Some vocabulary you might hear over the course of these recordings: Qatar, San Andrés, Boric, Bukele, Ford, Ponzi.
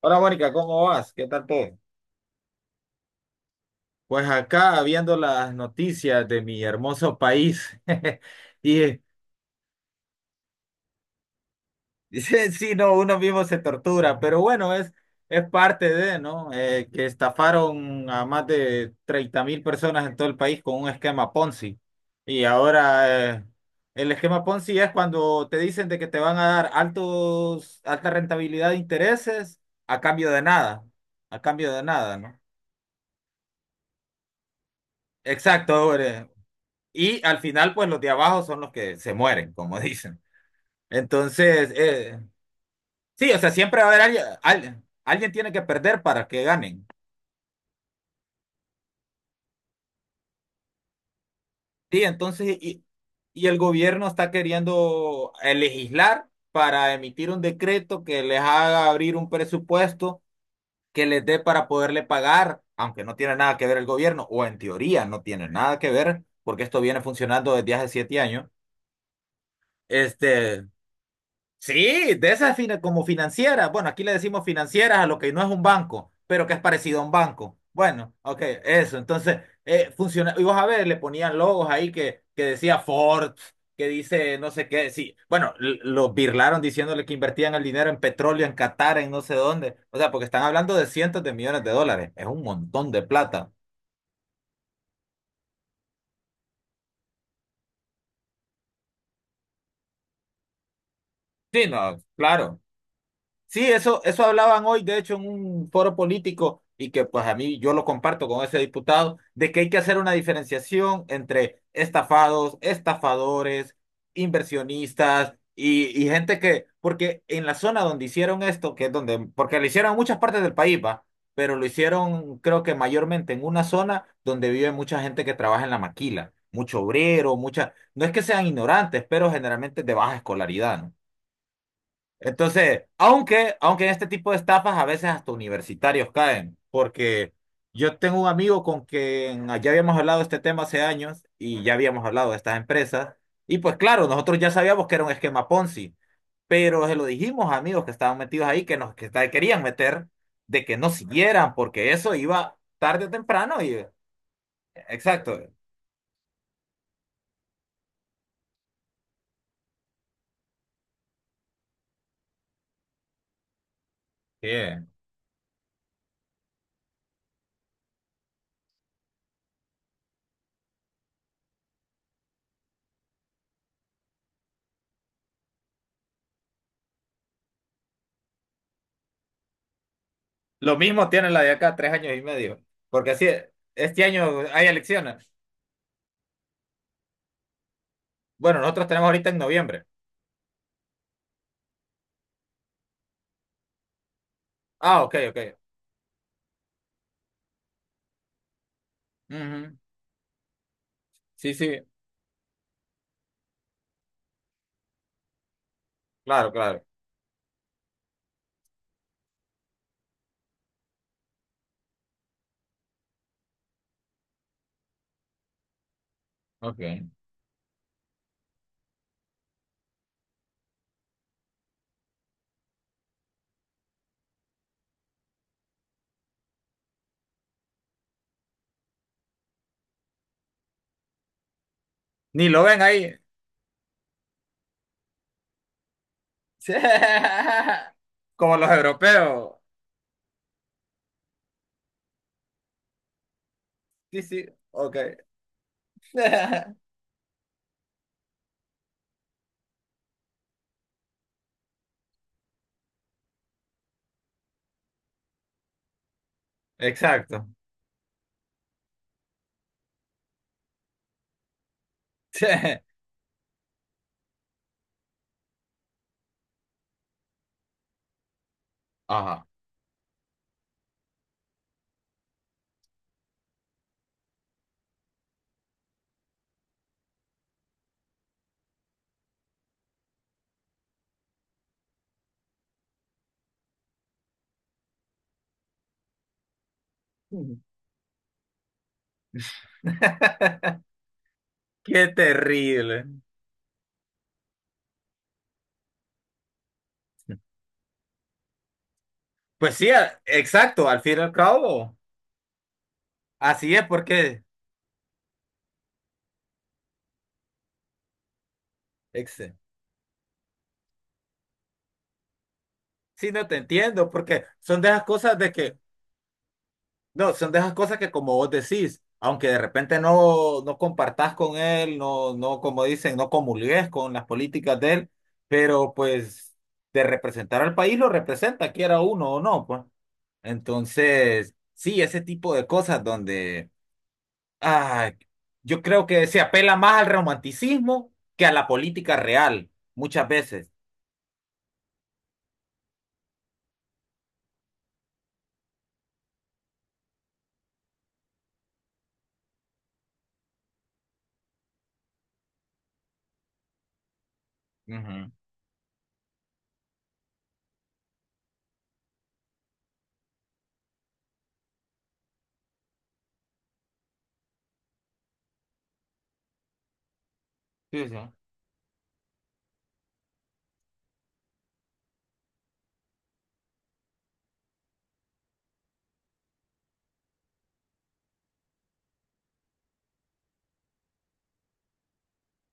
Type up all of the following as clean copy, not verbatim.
Hola Mónica, ¿cómo vas? ¿Qué tal todo? Pues acá viendo las noticias de mi hermoso país y sí, no, uno mismo se tortura, pero bueno, es parte de, ¿no? Que estafaron a más de 30.000 personas en todo el país con un esquema Ponzi. Y ahora el esquema Ponzi es cuando te dicen de que te van a dar alta rentabilidad de intereses a cambio de nada, a cambio de nada, ¿no? Exacto, hombre. Y al final, pues los de abajo son los que se mueren, como dicen. Entonces, sí, o sea, siempre va a haber alguien, alguien tiene que perder para que ganen. Sí, entonces, y el gobierno está queriendo legislar para emitir un decreto que les haga abrir un presupuesto que les dé para poderle pagar, aunque no tiene nada que ver el gobierno, o en teoría no tiene nada que ver, porque esto viene funcionando desde hace 7 años. Este, Sí, de como financieras. Bueno, aquí le decimos financieras a lo que no es un banco, pero que es parecido a un banco. Bueno, ok, eso. Entonces, funciona. Y vos a ver, le ponían logos ahí que decía Ford, que dice no sé qué. Sí, bueno, los birlaron diciéndole que invertían el dinero en petróleo, en Qatar, en no sé dónde. O sea, porque están hablando de cientos de millones de dólares. Es un montón de plata. Sí, no, claro. Sí, eso hablaban hoy, de hecho, en un foro político, y que pues a mí yo lo comparto con ese diputado, de que hay que hacer una diferenciación entre estafados, estafadores, inversionistas y gente que, porque en la zona donde hicieron esto, que es donde, porque lo hicieron en muchas partes del país, va, pero lo hicieron creo que mayormente en una zona donde vive mucha gente que trabaja en la maquila, mucho obrero, mucha, no es que sean ignorantes, pero generalmente de baja escolaridad, ¿no? Entonces, aunque en este tipo de estafas a veces hasta universitarios caen, porque yo tengo un amigo con quien ya habíamos hablado de este tema hace años y ya habíamos hablado de estas empresas, y pues claro, nosotros ya sabíamos que era un esquema Ponzi, pero se lo dijimos a amigos que estaban metidos ahí, que querían meter, de que no siguieran, porque eso iba tarde o temprano y... Exacto. Bien. Lo mismo tiene la de acá, 3 años y medio, porque así, este año hay elecciones. Bueno, nosotros tenemos ahorita en noviembre. Ah, ok, ok. Ujú. Sí, sí, claro, claro. Ok. Ni lo ven ahí. Sí. Como los europeos. Sí, sí, ok. Exacto. Sí. Ajá. Qué terrible. Pues sí, exacto, al fin y al cabo. Así es porque, ex- sí, no te entiendo, porque son de esas cosas de que no, son de esas cosas que como vos decís, aunque de repente no compartás con él, no, como dicen, no comulgues con las políticas de él, pero pues de representar al país lo representa, quiera uno o no, pues. Entonces, sí, ese tipo de cosas donde ah, yo creo que se apela más al romanticismo que a la política real, muchas veces. Ujú. Sí, sí.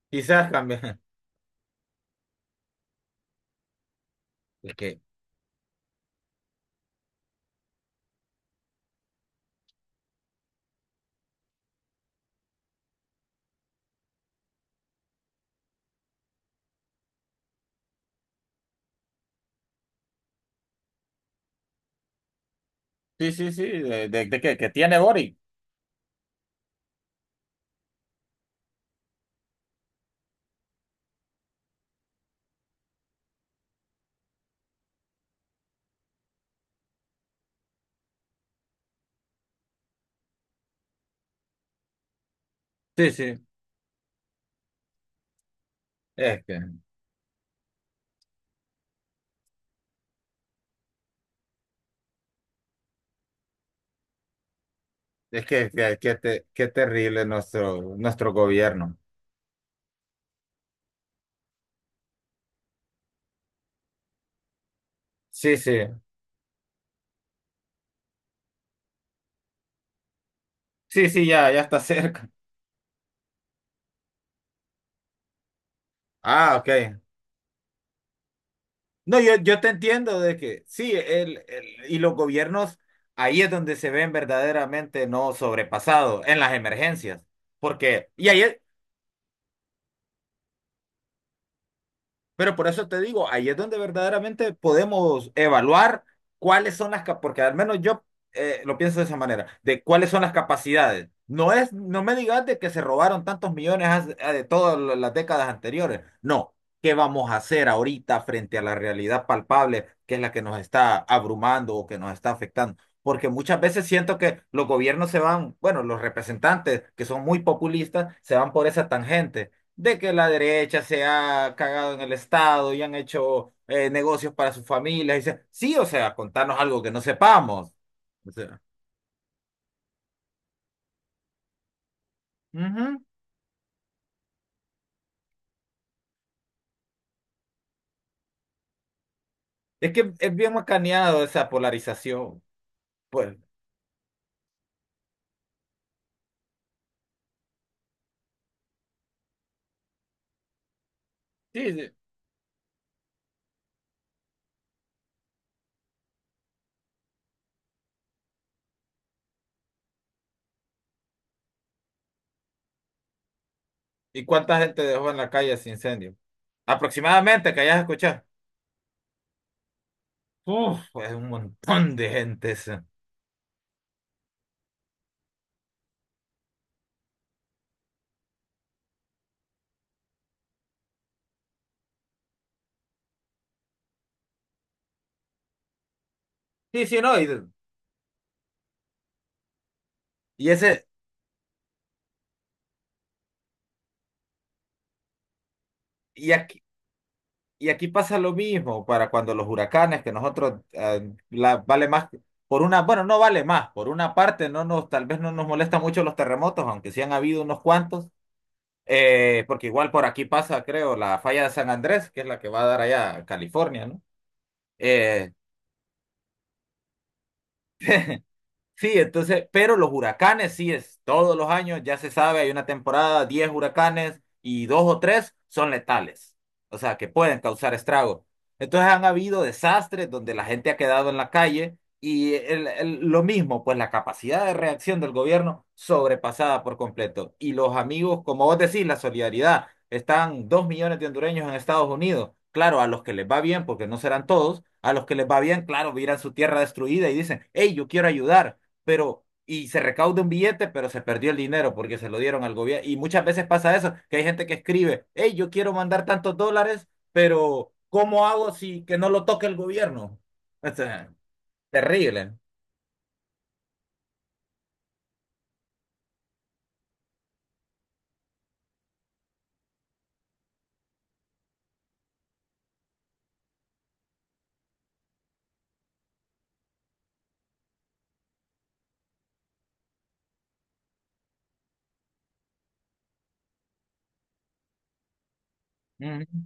Quizás cambie. Es que, sí, sí, sí, de que tiene Boric. Sí, sí. Es que. Qué terrible nuestro, nuestro gobierno. Sí, sí, sí, sí, ya, ya está cerca. Ah, ok. No, yo te entiendo de que sí, y los gobiernos, ahí es donde se ven verdaderamente no sobrepasados, en las emergencias. Porque, y ahí, Pero por eso te digo, ahí es donde verdaderamente podemos evaluar cuáles son las, cap- porque al menos yo lo pienso de esa manera, de cuáles son las capacidades. No es, no me digas de que se robaron tantos millones de todas las décadas anteriores. No, ¿qué vamos a hacer ahorita frente a la realidad palpable que es la que nos está abrumando o que nos está afectando? Porque muchas veces siento que los gobiernos se van, bueno, los representantes que son muy populistas se van por esa tangente de que la derecha se ha cagado en el Estado y han hecho negocios para sus familias. Y sí, o sea, contarnos algo que no sepamos. O sea, ujú. Es que es bien macaneado esa polarización. Pues, sí, sí. ¿Y cuánta gente dejó en la calle ese incendio? Aproximadamente, que hayas escuchado. Uf, es un montón de gente esa. Sí, sí, no, y ese, y, ac- Y aquí pasa lo mismo para cuando los huracanes, que nosotros vale más por una, bueno, no vale más, por una parte no nos, tal vez no nos molesta mucho los terremotos, aunque sí han habido unos cuantos, porque igual por aquí pasa, creo, la falla de San Andrés, que es la que va a dar allá a California, ¿no? Eh, sí, entonces, pero los huracanes sí es todos los años, ya se sabe, hay una temporada, 10 huracanes y dos o tres son letales, o sea, que pueden causar estragos. Entonces han habido desastres donde la gente ha quedado en la calle y lo mismo, pues la capacidad de reacción del gobierno sobrepasada por completo. Y los amigos, como vos decís, la solidaridad, están 2 millones de hondureños en Estados Unidos. Claro, a los que les va bien, porque no serán todos, a los que les va bien, claro, miran su tierra destruida y dicen, hey, yo quiero ayudar, pero y se recauda un billete, pero se perdió el dinero porque se lo dieron al gobierno. Y muchas veces pasa eso, que hay gente que escribe, hey, yo quiero mandar tantos dólares, pero ¿cómo hago si que no lo toque el gobierno? O sea, terrible. Ujú.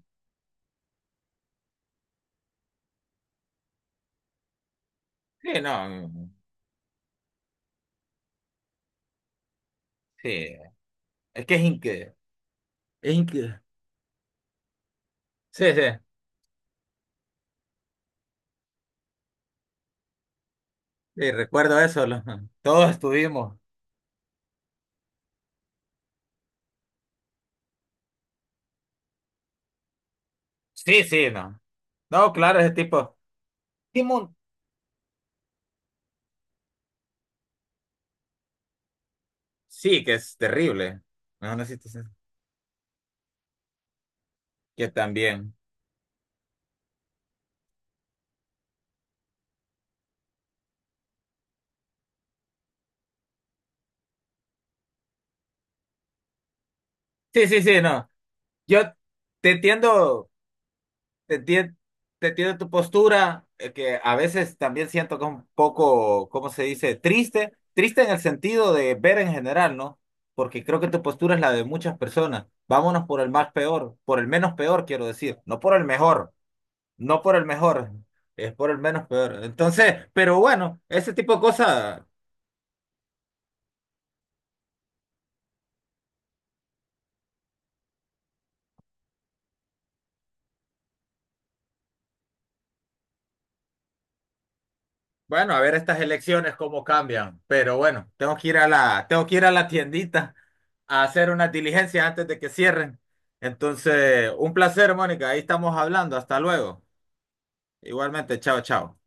Sí, no, sí, es que es increíble. Es incre- Sí, sí, sí, recuerdo eso, todos estuvimos. Sí, sí, no. No, claro, ese tipo. Timón, sí, que es terrible. No, no existe ese- Que también. Sí, sí, sí, no. Yo te entiendo, te entiendo, te entiendo tu postura, que a veces también siento que es un poco, ¿cómo se dice? Triste, triste en el sentido de ver en general, ¿no? Porque creo que tu postura es la de muchas personas. Vámonos por el más peor, por el menos peor, quiero decir, no por el mejor, no por el mejor, es por el menos peor. Entonces, pero bueno, ese tipo de cosas. Bueno, a ver estas elecciones cómo cambian, pero bueno, tengo que ir a tengo que ir a la tiendita a hacer unas diligencias antes de que cierren. Entonces, un placer, Mónica, ahí estamos hablando, hasta luego. Igualmente, chao, chao.